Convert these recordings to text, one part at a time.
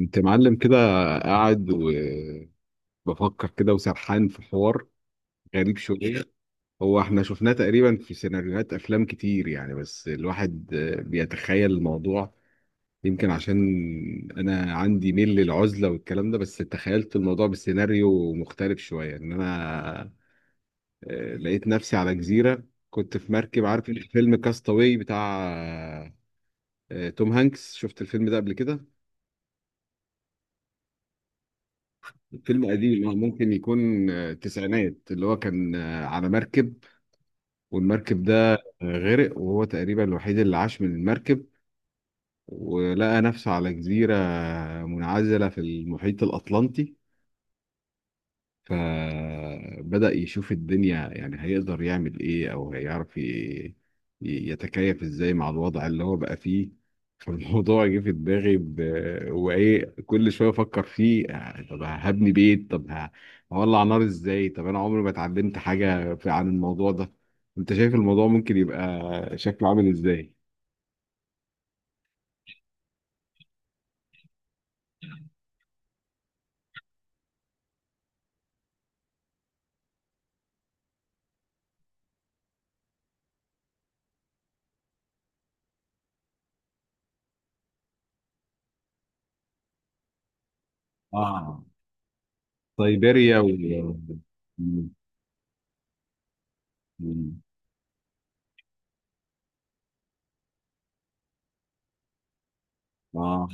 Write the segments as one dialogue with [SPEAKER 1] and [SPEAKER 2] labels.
[SPEAKER 1] انت معلم كده، قاعد وبفكر كده وسرحان في حوار غريب شوية. هو احنا شفناه تقريبا في سيناريوهات افلام كتير، يعني بس الواحد بيتخيل الموضوع. يمكن عشان انا عندي ميل للعزلة والكلام ده، بس تخيلت الموضوع بسيناريو مختلف شوية ان انا لقيت نفسي على جزيرة. كنت في مركب، عارف فيلم كاستاوي بتاع توم هانكس؟ شفت الفيلم ده قبل كده. فيلم قديم، اه ممكن يكون تسعينات، اللي هو كان على مركب. والمركب ده غرق، وهو تقريبا الوحيد اللي عاش من المركب. ولقى نفسه على جزيرة منعزلة في المحيط الأطلنطي. فبدأ يشوف الدنيا، يعني هيقدر يعمل ايه او هيعرف يتكيف ازاي مع الوضع اللي هو بقى فيه. فالموضوع جه في دماغي. وايه، كل شويه افكر فيه طب هبني بيت، طب هولع نار ازاي؟ طب انا عمري ما اتعلمت حاجه عن الموضوع ده. انت شايف الموضوع ممكن يبقى شكله عامل ازاي؟ اه. سيبيريا مم. مم. اه.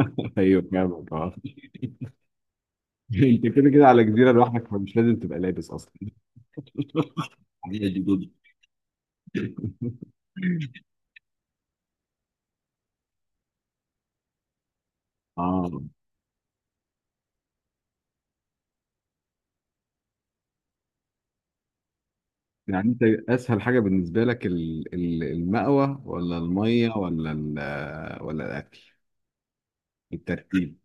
[SPEAKER 1] ايوه فاهمك. انت كده كده على جزيره لوحدك، فمش لازم تبقى لابس اصلا. حقيقة دي جدي. اه. يعني انت، اسهل حاجه بالنسبه لك المأوى ولا الميه ولا ولا الاكل؟ الترتيب.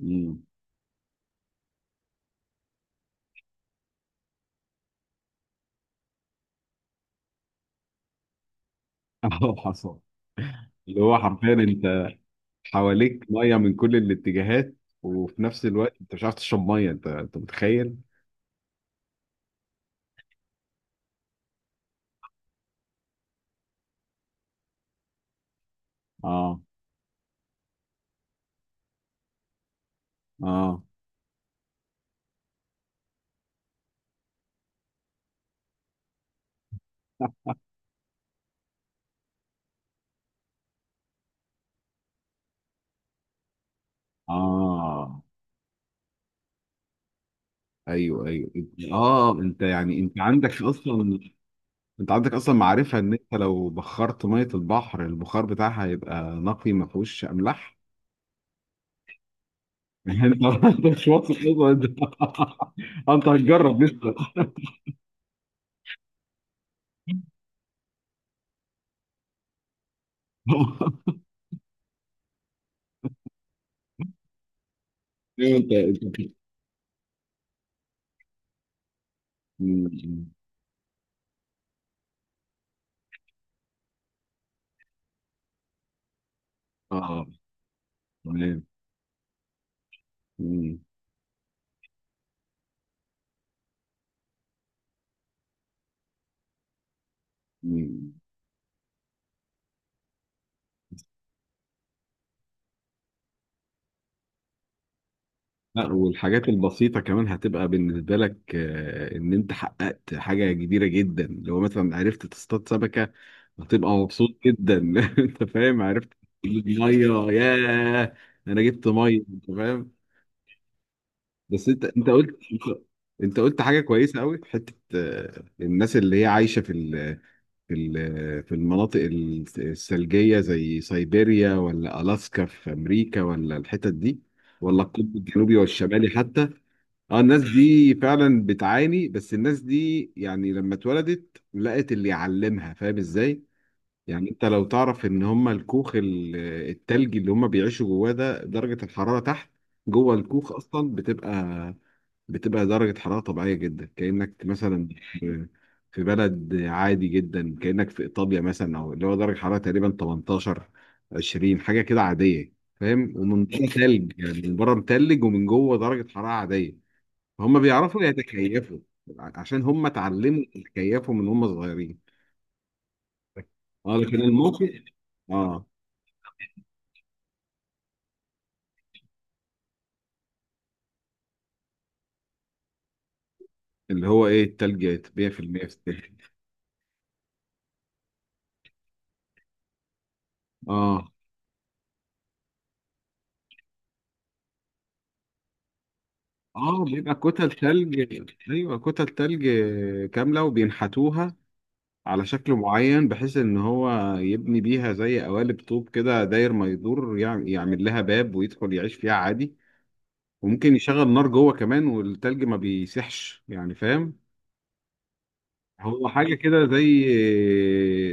[SPEAKER 1] امم. اه. حصل. اللي هو حرفيا انت حواليك ميه من كل الاتجاهات، وفي نفس الوقت انت مش عارف تشرب ميه. انت متخيل؟ اه اه اه. ايوه ايوه. اه، انت يعني انت عندك اصلا معرفة ان انت لو بخرت مية البحر البخار بتاعها هيبقى نقي ما فيهوش املاح. يعني انت مش واثق اصلا انت. انت هتجرب لسه. ايوه انت. مم. اه تمام. مم. مم. لا. والحاجات البسيطة كمان هتبقى بالنسبة لك إن أنت حققت حاجة كبيرة جدا لو مثلا عرفت تصطاد سمكة. هتبقى مبسوط جدا. أنت فاهم؟ عرفت تجيب مية، ياه، أنا جبت مية، أنت فاهم؟ بس أنت قلت حاجة كويسة أوي في حتة الناس اللي هي عايشة في المناطق الثلجية، زي سيبيريا ولا ألاسكا في أمريكا ولا الحتت دي، ولا القطب الجنوبي والشمالي حتى. اه، الناس دي فعلا بتعاني، بس الناس دي يعني لما اتولدت لقت اللي يعلمها، فاهم ازاي؟ يعني انت لو تعرف ان هم الكوخ التلجي اللي هم بيعيشوا جواه ده، درجة الحرارة تحت، جوه الكوخ اصلا بتبقى درجة حرارة طبيعية جدا، كأنك مثلا في في بلد عادي جدا، كأنك في إيطاليا مثلا، أو اللي هو درجة حرارة تقريبا 18 20 حاجة كده عادية. فاهم؟ ومن بره تلج، يعني من بره متلج ومن جوه درجة حرارة عادية. هم بيعرفوا يتكيفوا عشان هم اتعلموا يتكيفوا من هم صغيرين. اه لكن الموقف، اه اللي هو ايه، التلج 100% في المية في التلج. اه اه، بيبقى كتل تلج، ايوه كتل تلج كامله، وبينحتوها على شكل معين، بحيث ان هو يبني بيها زي قوالب طوب كده، داير ما يدور، يعمل لها باب ويدخل يعيش فيها عادي. وممكن يشغل نار جوه كمان، والتلج ما بيسيحش، يعني فاهم؟ هو حاجة كده زي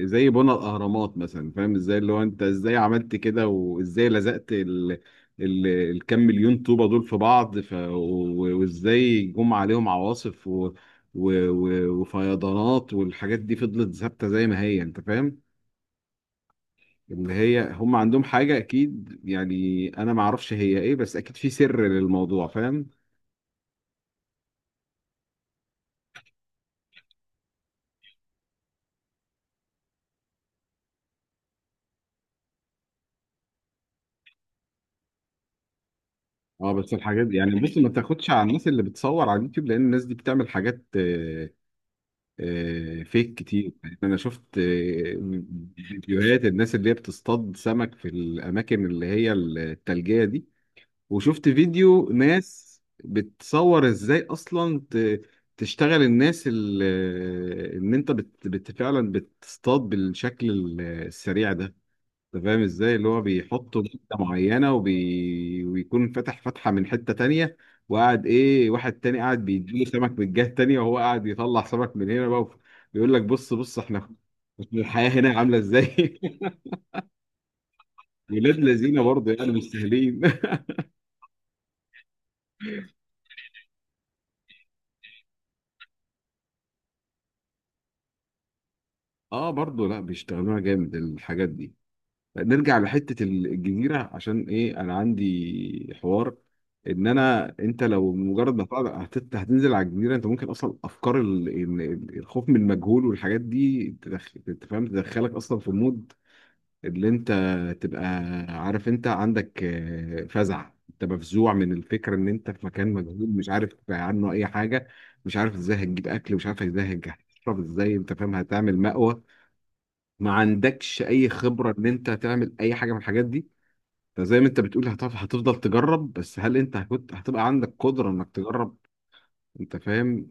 [SPEAKER 1] زي بنى الأهرامات مثلا، فاهم ازاي؟ اللي هو انت ازاي عملت كده، وازاي لزقت الكام مليون طوبة دول في بعض، وازاي جم عليهم عواصف وفيضانات، والحاجات دي فضلت ثابتة زي ما هي، انت فاهم؟ اللي هي هم عندهم حاجة أكيد، يعني أنا ما أعرفش هي إيه، بس أكيد في سر للموضوع، فاهم؟ اه بس الحاجات دي يعني، بص ما تاخدش على الناس اللي بتصور على اليوتيوب، لأن الناس دي بتعمل حاجات فيك كتير، يعني انا شفت فيديوهات الناس اللي هي بتصطاد سمك في الاماكن اللي هي التلجية دي. وشفت فيديو ناس بتصور ازاي اصلا تشتغل الناس ان انت فعلا بتصطاد بالشكل السريع ده. انت فاهم ازاي، اللي هو بيحطوا مادة معينة ويكون فتح فتحة من حتة تانية. وقاعد ايه، واحد تاني قاعد بيديله سمك من الجهة التانية، وهو قاعد يطلع سمك من هنا بقى. بيقول لك بص بص، احنا الحياة هنا عاملة ازاي؟ ولاد لذينة برضه، يعني مش سهلين. اه برضه، لا بيشتغلوها جامد الحاجات دي. نرجع لحتة الجزيرة، عشان ايه؟ انا عندي حوار، ان انا انت لو مجرد ما تقعد هتنزل على الجزيرة، انت ممكن اصلا افكار الخوف من المجهول والحاجات دي أنت فاهم، تدخلك اصلا في مود اللي انت تبقى عارف انت عندك فزع، انت مفزوع من الفكرة ان انت في مكان مجهول، مش عارف عنه اي حاجة. مش عارف ازاي هتجيب اكل، مش عارف ازاي هتشرب ازاي، انت فاهم؟ هتعمل مأوى، ما عندكش اي خبره ان انت تعمل اي حاجه من الحاجات دي. زي ما انت بتقول هتفضل تجرب، بس هل انت هتبقى عندك قدرة انك تجرب؟ انت فاهم؟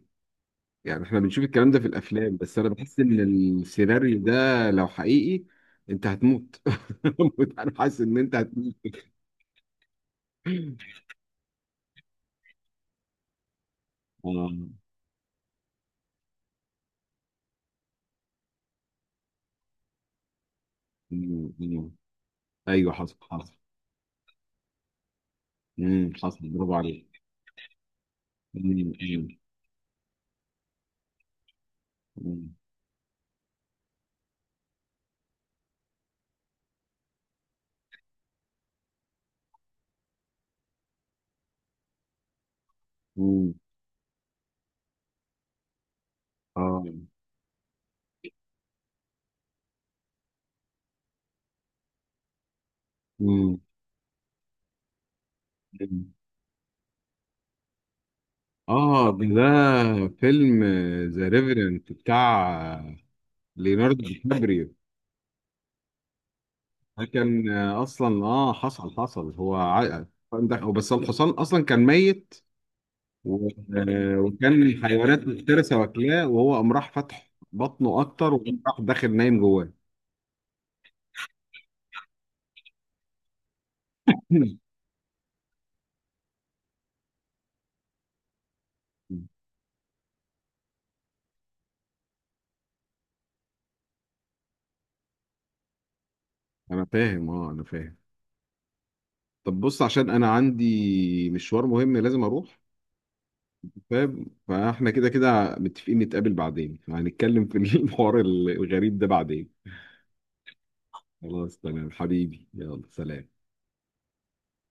[SPEAKER 1] يعني احنا بنشوف الكلام ده في الافلام، بس انا بحس ان السيناريو ده لو حقيقي انت هتموت. انا حاسس ان انت هتموت. آه. مم. مم. ايوه حصل حصل. حصل برافو عليك. مم. مم. مم. مم. اه. مم. مم. اه، ده فيلم ذا ريفرنت بتاع ليوناردو دي كابريو. ده كان اصلا، اه حصل حصل، بس الحصان اصلا كان ميت، و- وكان حيوانات مفترسه واكلاه، وهو قام راح فتح بطنه اكتر وقام راح داخل نايم جواه. انا فاهم، اه انا فاهم. طب بص، عشان انا عندي مشوار مهم لازم اروح، فاهم؟ فاحنا كده كده متفقين نتقابل بعدين، هنتكلم في الحوار الغريب ده بعدين. خلاص تمام حبيبي، يلا سلام.